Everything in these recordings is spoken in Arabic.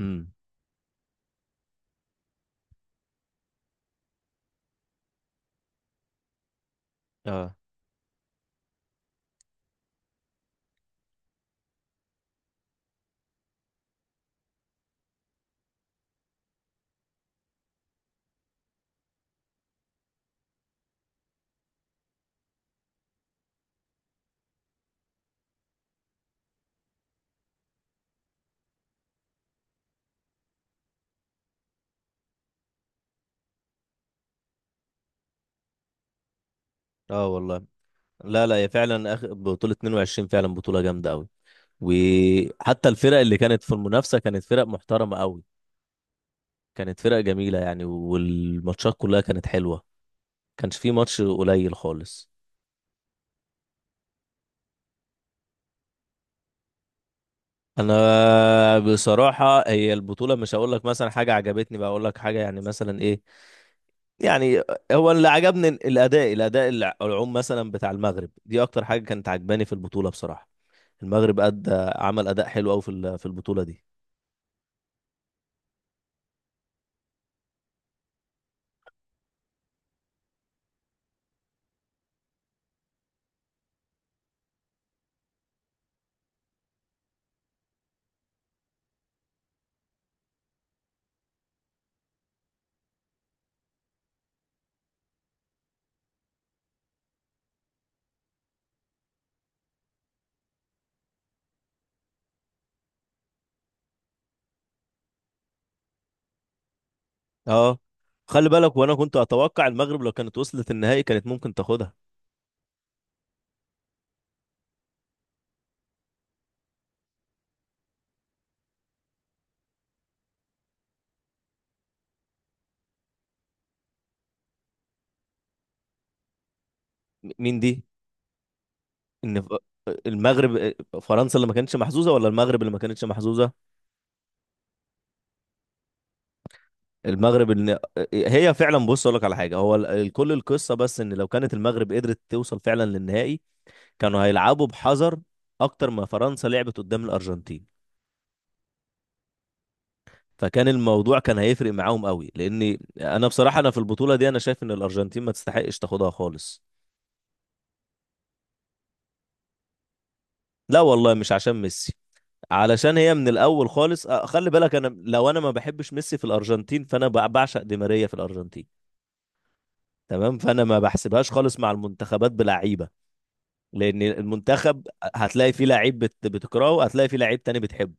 امم. اه، اه، والله. لا، لا، هي فعلا بطولة 22 فعلا بطولة جامدة قوي. وحتى الفرق اللي كانت في المنافسة كانت فرق محترمة قوي، كانت فرق جميلة يعني، والماتشات كلها كانت حلوة، كانش في ماتش قليل خالص. انا بصراحة هي البطولة مش هقول لك مثلا حاجة عجبتني، بقى اقول لك حاجة يعني مثلا ايه يعني. هو اللي عجبني الاداء العم مثلا بتاع المغرب، دي اكتر حاجة كانت عجباني في البطولة بصراحة. المغرب أدى، عمل أداء حلو أوي في البطولة دي. اه، خلي بالك، وانا كنت اتوقع المغرب لو كانت وصلت النهائي كانت ممكن تاخدها. مين دي؟ ان ف- المغرب. فرنسا اللي ما كانتش محظوظه ولا المغرب اللي ما كانتش محظوظه؟ المغرب. ان هي فعلا، بص اقول لك على حاجه، هو كل القصه بس ان لو كانت المغرب قدرت توصل فعلا للنهائي، كانوا هيلعبوا بحذر اكتر ما فرنسا لعبت قدام الارجنتين. فكان الموضوع كان هيفرق معاهم قوي، لان انا بصراحه انا في البطوله دي انا شايف ان الارجنتين ما تستحقش تاخدها خالص. لا والله، مش عشان ميسي، علشان هي من الاول خالص. خلي بالك، انا لو انا ما بحبش ميسي في الارجنتين، فانا بعشق دي ماريا في الارجنتين. تمام، فانا ما بحسبهاش خالص مع المنتخبات بلعيبه. لان المنتخب هتلاقي فيه لعيب بتكرهه، هتلاقي فيه لعيب تاني بتحبه،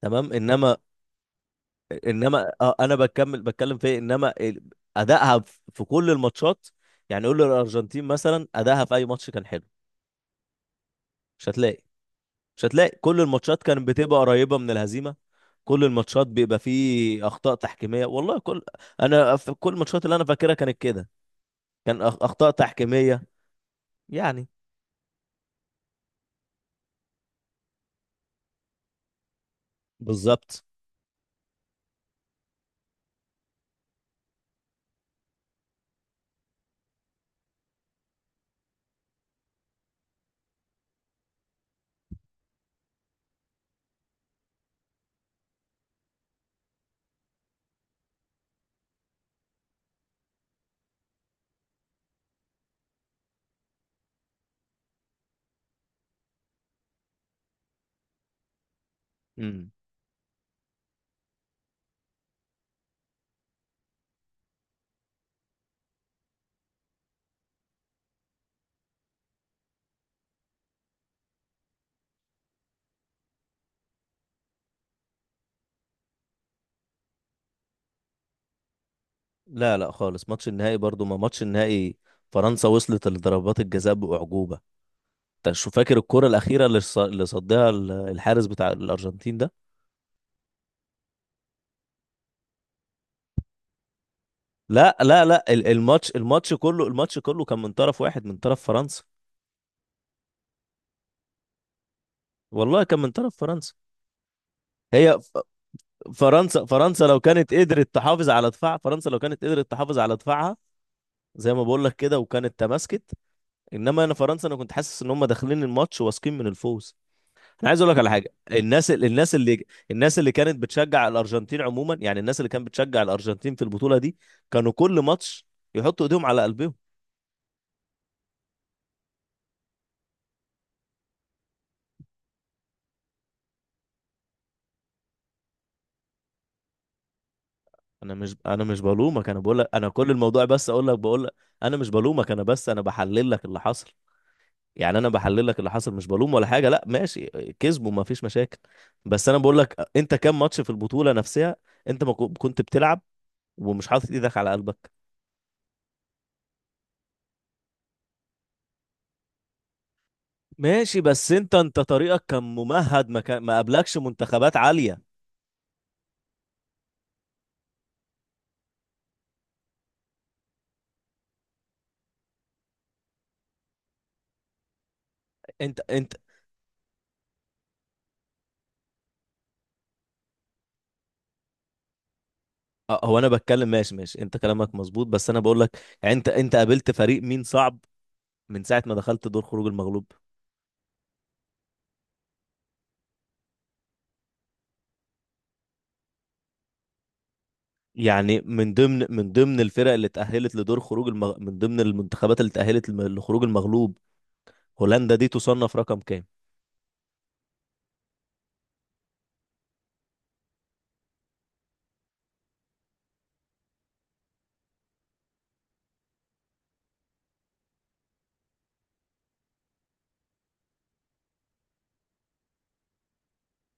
تمام. انما انا بكمل بتكلم في إيه؟ انما ادائها في كل الماتشات، يعني قول للارجنتين مثلا ادائها في اي ماتش كان حلو. مش هتلاقي. كل الماتشات كانت بتبقى قريبة من الهزيمة. كل الماتشات بيبقى فيه أخطاء تحكيمية والله. أنا في كل الماتشات اللي أنا فاكرها كانت كده، كان أخطاء تحكيمية يعني. بالظبط. امم. لا، لا خالص، ماتش النهائي برضو ما ماتش النهائي، فرنسا وصلت لضربات الجزاء بأعجوبة. انت شو فاكر الكرة الأخيرة اللي صدها الحارس بتاع الأرجنتين ده؟ لا، لا، لا، الماتش كله كان من طرف واحد، من طرف فرنسا. والله كان من طرف فرنسا. هي، فرنسا لو كانت قدرت تحافظ على دفاع، فرنسا لو كانت قدرت تحافظ على دفاعها، زي ما بقول لك كده، وكانت تماسكت. انما انا، فرنسا، انا كنت حاسس ان هم داخلين الماتش واثقين من الفوز. انا عايز اقول لك على حاجه. الناس اللي كانت بتشجع الارجنتين عموما، يعني الناس اللي كانت بتشجع الارجنتين في البطوله دي، كانوا كل ماتش يحطوا ايديهم على قلبهم. انا مش بلومك، انا بقول لك، انا كل الموضوع بس اقول لك، بقول لك انا مش بلومك، انا بس انا بحلل لك اللي حصل. يعني انا بحلل لك اللي حصل، مش بلوم ولا حاجه، لا، ماشي، كسبوا، ما فيش مشاكل. بس انا بقول لك، انت كام ماتش في البطوله نفسها انت ما كنت بتلعب ومش حاطط ايدك على قلبك؟ ماشي، بس انت طريقك كان ممهد، ما قابلكش منتخبات عاليه. انت، اه، هو انا بتكلم. ماشي، ماشي، انت كلامك مظبوط، بس انا بقول لك، يعني انت قابلت فريق مين صعب من ساعه ما دخلت دور خروج المغلوب؟ يعني من ضمن الفرق اللي اتأهلت لدور خروج من ضمن المنتخبات اللي اتأهلت لخروج المغلوب، هولندا دي تصنف رقم كام؟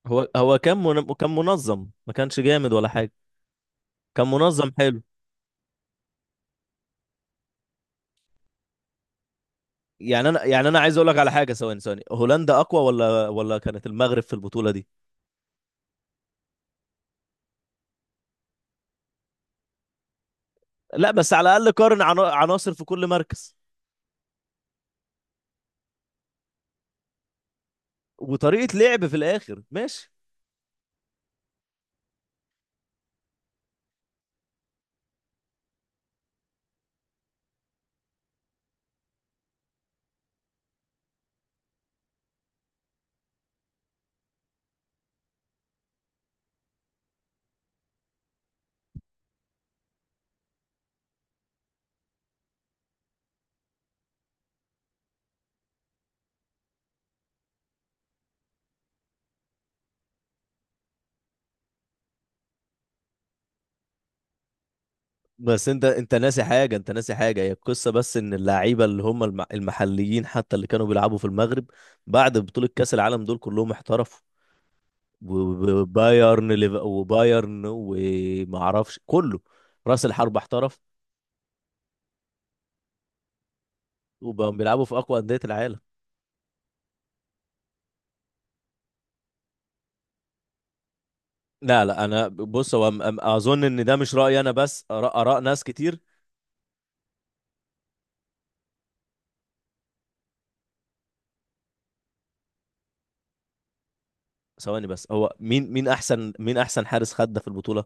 هو كان كان منظم، ما كانش جامد ولا حاجه، كان منظم حلو. يعني انا، عايز اقول لك على حاجه. ثواني، ثواني، هولندا اقوى ولا كانت المغرب في البطوله دي؟ لا، بس على الاقل قارن عناصر في كل مركز وطريقه لعب في الاخر. ماشي، بس انت ناسي حاجه، انت ناسي حاجه، هي القصه بس ان اللعيبه اللي هم المحليين حتى اللي كانوا بيلعبوا في المغرب، بعد بطوله كاس العالم دول كلهم احترفوا. وبايرن وما اعرفش كله، راس الحربة احترف، وبقوا بيلعبوا في اقوى اندية العالم. لا، لا، انا بص، هو اظن ان ده مش رأيي انا بس، آراء ناس كتير. ثواني بس، هو مين احسن، مين احسن حارس خد ده في البطولة؟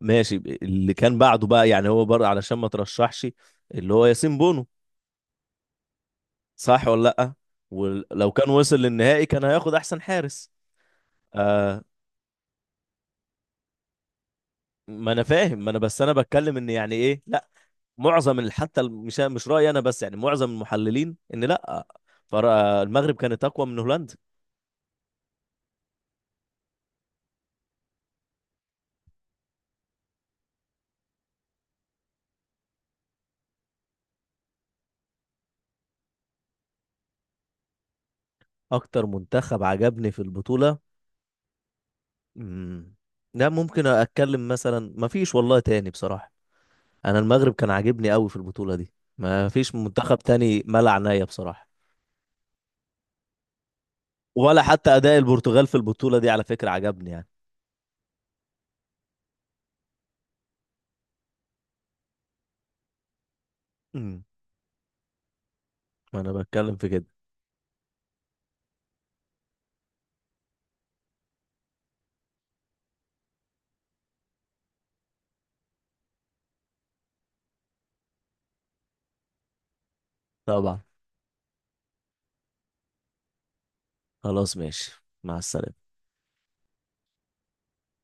ماشي، اللي كان بعده بقى يعني هو برضه علشان ما ترشحش، اللي هو ياسين بونو، صح ولا لا؟ ولو كان وصل للنهائي كان هياخد احسن حارس. آه. ما انا فاهم، ما انا بس انا بتكلم ان يعني ايه، لا، معظم حتى مش رايي انا بس، يعني معظم المحللين، ان لا، المغرب كانت اقوى من هولندا. اكتر منتخب عجبني في البطوله، مم. ده ممكن اتكلم مثلا. ما فيش والله تاني بصراحه، انا المغرب كان عاجبني قوي في البطوله دي، ما فيش منتخب تاني مال عينيا بصراحه. ولا حتى اداء البرتغال في البطوله دي، على فكره، عجبني يعني. امم. انا بتكلم في كده طبعا. خلاص، ماشي، مع السلامه.